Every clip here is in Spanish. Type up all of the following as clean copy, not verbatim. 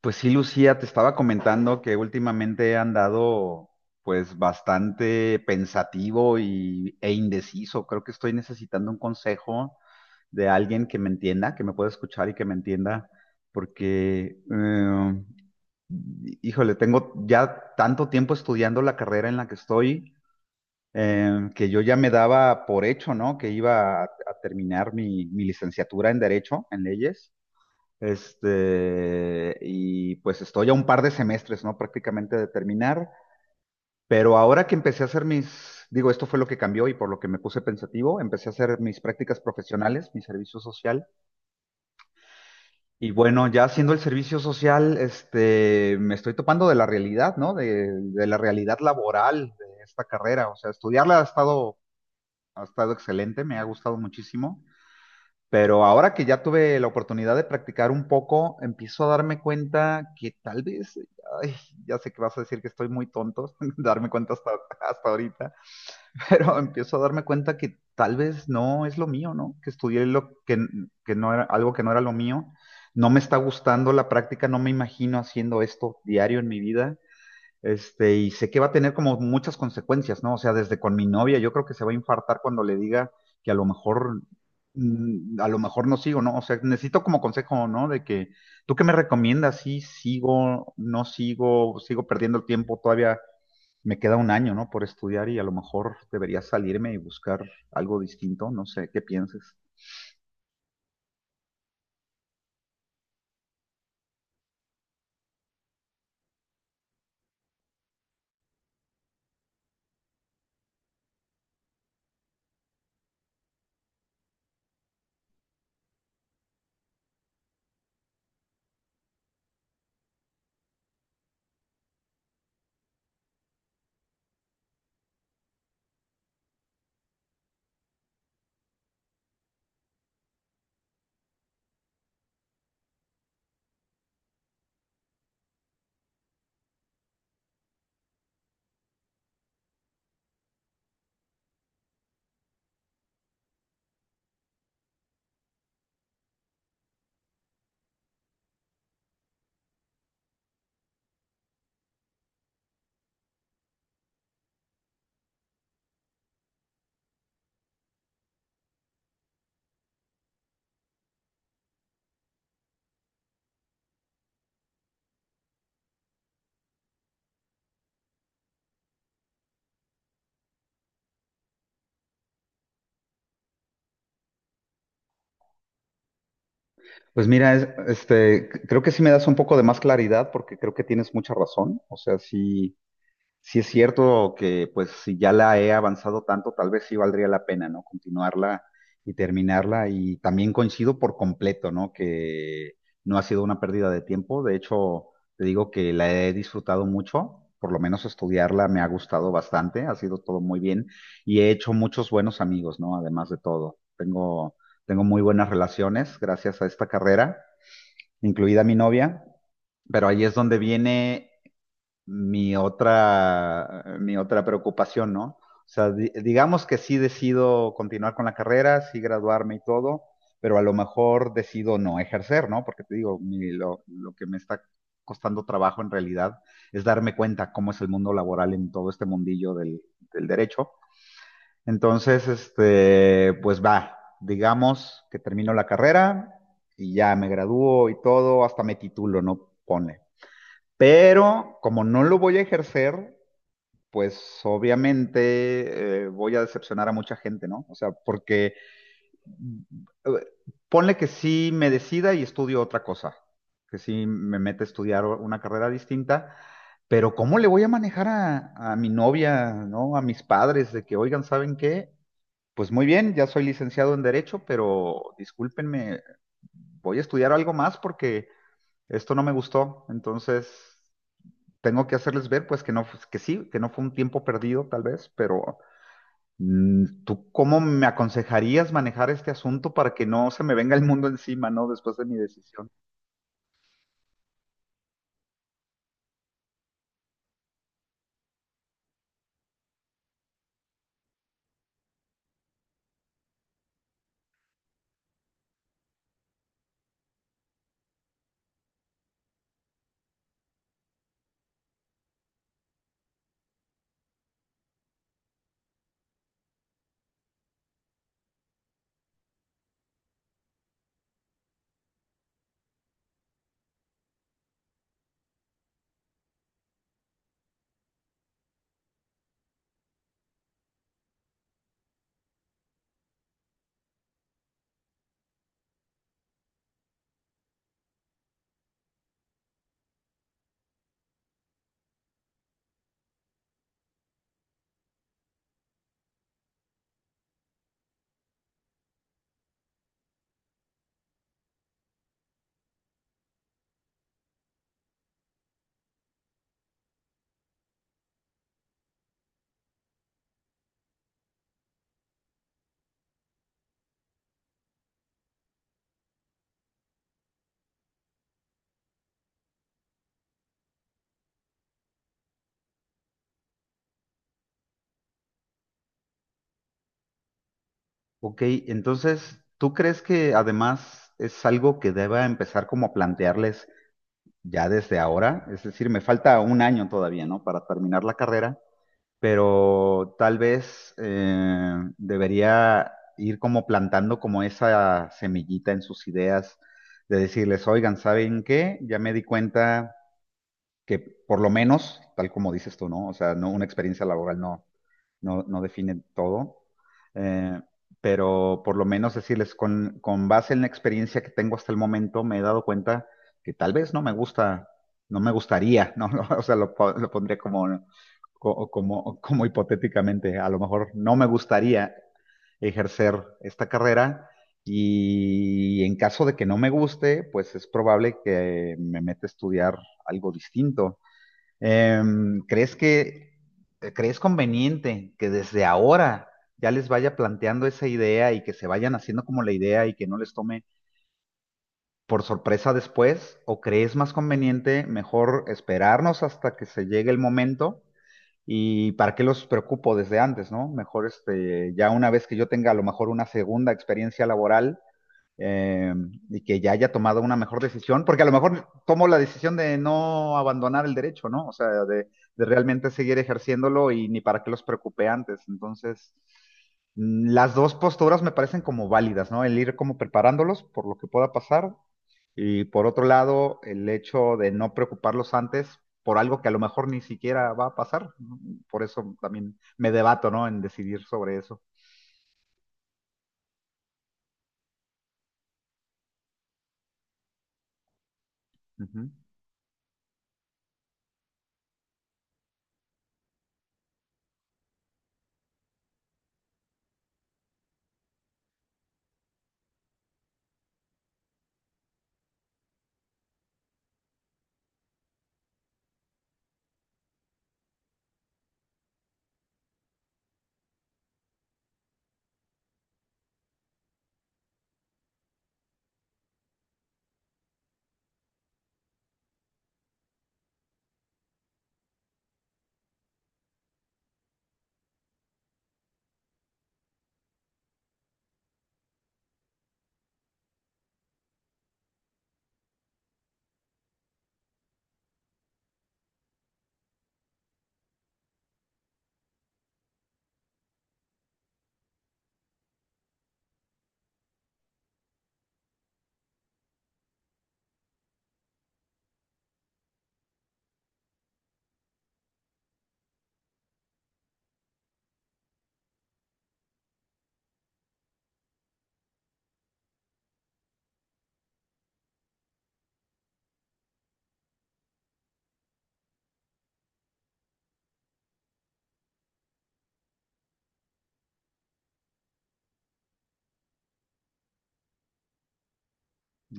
Pues sí, Lucía, te estaba comentando que últimamente he andado pues bastante pensativo e indeciso. Creo que estoy necesitando un consejo de alguien que me entienda, que me pueda escuchar y que me entienda, porque, híjole, tengo ya tanto tiempo estudiando la carrera en la que estoy, que yo ya me daba por hecho, ¿no? Que iba a terminar mi licenciatura en Derecho, en leyes y pues estoy a un par de semestres, ¿no? Prácticamente de terminar, pero ahora que empecé a hacer mis, digo, esto fue lo que cambió y por lo que me puse pensativo, empecé a hacer mis prácticas profesionales, mi servicio social, y bueno, ya haciendo el servicio social, me estoy topando de la realidad, ¿no? De la realidad laboral de esta carrera, o sea, estudiarla ha estado excelente, me ha gustado muchísimo. Pero ahora que ya tuve la oportunidad de practicar un poco, empiezo a darme cuenta que tal vez, ay, ya sé que vas a decir que estoy muy tonto, darme cuenta hasta, hasta ahorita, pero empiezo a darme cuenta que tal vez no es lo mío, ¿no? Que estudié lo que no era, algo que no era lo mío. No me está gustando la práctica, no me imagino haciendo esto diario en mi vida. Y sé que va a tener como muchas consecuencias, ¿no? O sea, desde con mi novia, yo creo que se va a infartar cuando le diga que a lo mejor, a lo mejor no sigo, ¿no? O sea, necesito como consejo, ¿no? De que, ¿tú qué me recomiendas? Sí, sigo, no sigo, sigo perdiendo el tiempo, todavía me queda un año, ¿no? Por estudiar y a lo mejor debería salirme y buscar algo distinto, no sé, ¿qué piensas? Pues mira, creo que sí me das un poco de más claridad porque creo que tienes mucha razón. O sea, sí. Sí es cierto que pues si ya la he avanzado tanto, tal vez sí valdría la pena, ¿no? Continuarla y terminarla. Y también coincido por completo, ¿no? Que no ha sido una pérdida de tiempo. De hecho, te digo que la he disfrutado mucho. Por lo menos estudiarla me ha gustado bastante. Ha sido todo muy bien. Y he hecho muchos buenos amigos, ¿no? Además de todo. Tengo, tengo muy buenas relaciones gracias a esta carrera, incluida mi novia. Pero ahí es donde viene mi otra preocupación, ¿no? O sea, digamos que sí decido continuar con la carrera, sí graduarme y todo, pero a lo mejor decido no ejercer, ¿no? Porque te digo, lo que me está costando trabajo en realidad es darme cuenta cómo es el mundo laboral en todo este mundillo del derecho. Entonces, pues va, digamos que termino la carrera y ya me gradúo y todo, hasta me titulo, ¿no? Pone. Pero como no lo voy a ejercer, pues obviamente voy a decepcionar a mucha gente, ¿no? O sea, porque eh, ponle que sí me decida y estudio otra cosa, que sí me mete a estudiar una carrera distinta, pero ¿cómo le voy a manejar a mi novia, ¿no? A mis padres de que, oigan, ¿saben qué? Pues muy bien, ya soy licenciado en Derecho, pero discúlpenme, voy a estudiar algo más porque esto no me gustó, entonces tengo que hacerles ver, pues, que no, que sí, que no fue un tiempo perdido, tal vez, pero ¿tú cómo me aconsejarías manejar este asunto para que no se me venga el mundo encima, ¿no? Después de mi decisión. Ok, entonces, ¿tú crees que además es algo que deba empezar como a plantearles ya desde ahora? Es decir, me falta un año todavía, ¿no? Para terminar la carrera. Pero tal vez debería ir como plantando como esa semillita en sus ideas de decirles, oigan, ¿saben qué? Ya me di cuenta que por lo menos, tal como dices tú, ¿no? O sea, no, una experiencia laboral no define todo, eh, pero por lo menos decirles, con base en la experiencia que tengo hasta el momento, me he dado cuenta que tal vez no me gusta, no me gustaría, ¿no? O sea, lo, lo pondré como, como, como hipotéticamente, a lo mejor no me gustaría ejercer esta carrera y en caso de que no me guste, pues es probable que me meta a estudiar algo distinto. ¿Crees que, crees conveniente que desde ahora ya les vaya planteando esa idea y que se vayan haciendo como la idea y que no les tome por sorpresa después? ¿O crees más conveniente mejor esperarnos hasta que se llegue el momento? ¿Y para qué los preocupo desde antes, no? Mejor ya una vez que yo tenga a lo mejor una segunda experiencia laboral eh, y que ya haya tomado una mejor decisión, porque a lo mejor tomo la decisión de no abandonar el derecho, ¿no? O sea, de realmente seguir ejerciéndolo y ni para qué los preocupé antes. Entonces, las dos posturas me parecen como válidas, ¿no? El ir como preparándolos por lo que pueda pasar y por otro lado, el hecho de no preocuparlos antes por algo que a lo mejor ni siquiera va a pasar. ¿No? Por eso también me debato, ¿no? En decidir sobre eso. Ujú.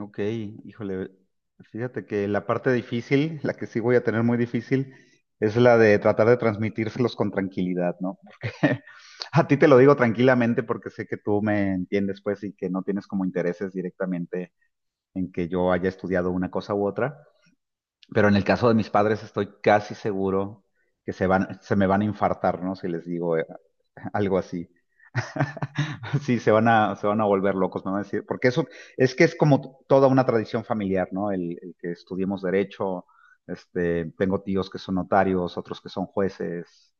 Ok, híjole, fíjate que la parte difícil, la que sí voy a tener muy difícil, es la de tratar de transmitírselos con tranquilidad, ¿no? Porque a ti te lo digo tranquilamente porque sé que tú me entiendes, pues, y que no tienes como intereses directamente en que yo haya estudiado una cosa u otra, pero en el caso de mis padres estoy casi seguro que se van, se me van a infartar, ¿no? Si les digo algo así. Sí, se van a volver locos, me van a decir, porque eso es que es como toda una tradición familiar, ¿no? El que estudiemos derecho, tengo tíos que son notarios, otros que son jueces,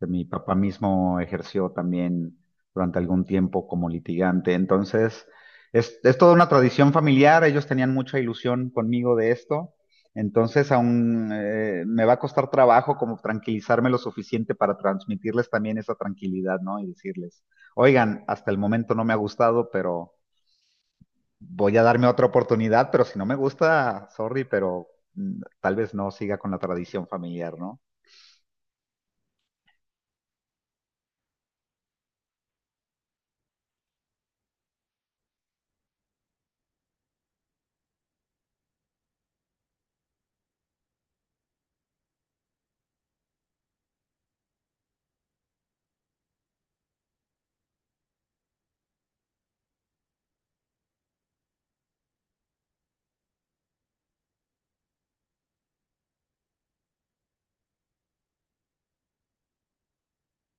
que mi papá mismo ejerció también durante algún tiempo como litigante. Entonces, es toda una tradición familiar, ellos tenían mucha ilusión conmigo de esto, entonces aún me va a costar trabajo como tranquilizarme lo suficiente para transmitirles también esa tranquilidad, ¿no? Y decirles, oigan, hasta el momento no me ha gustado, pero voy a darme otra oportunidad, pero si no me gusta, sorry, pero tal vez no siga con la tradición familiar, ¿no?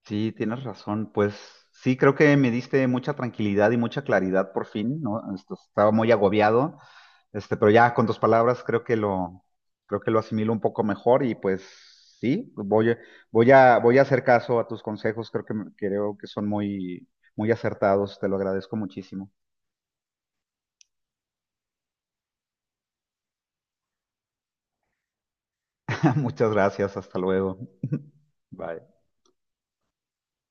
Sí, tienes razón. Pues sí, creo que me diste mucha tranquilidad y mucha claridad por fin, ¿no? Esto, estaba muy agobiado, pero ya con tus palabras creo que lo asimilo un poco mejor y pues sí, voy a, voy a hacer caso a tus consejos. Creo que, creo que son muy, muy acertados. Te lo agradezco muchísimo. Muchas gracias. Hasta luego. Bye.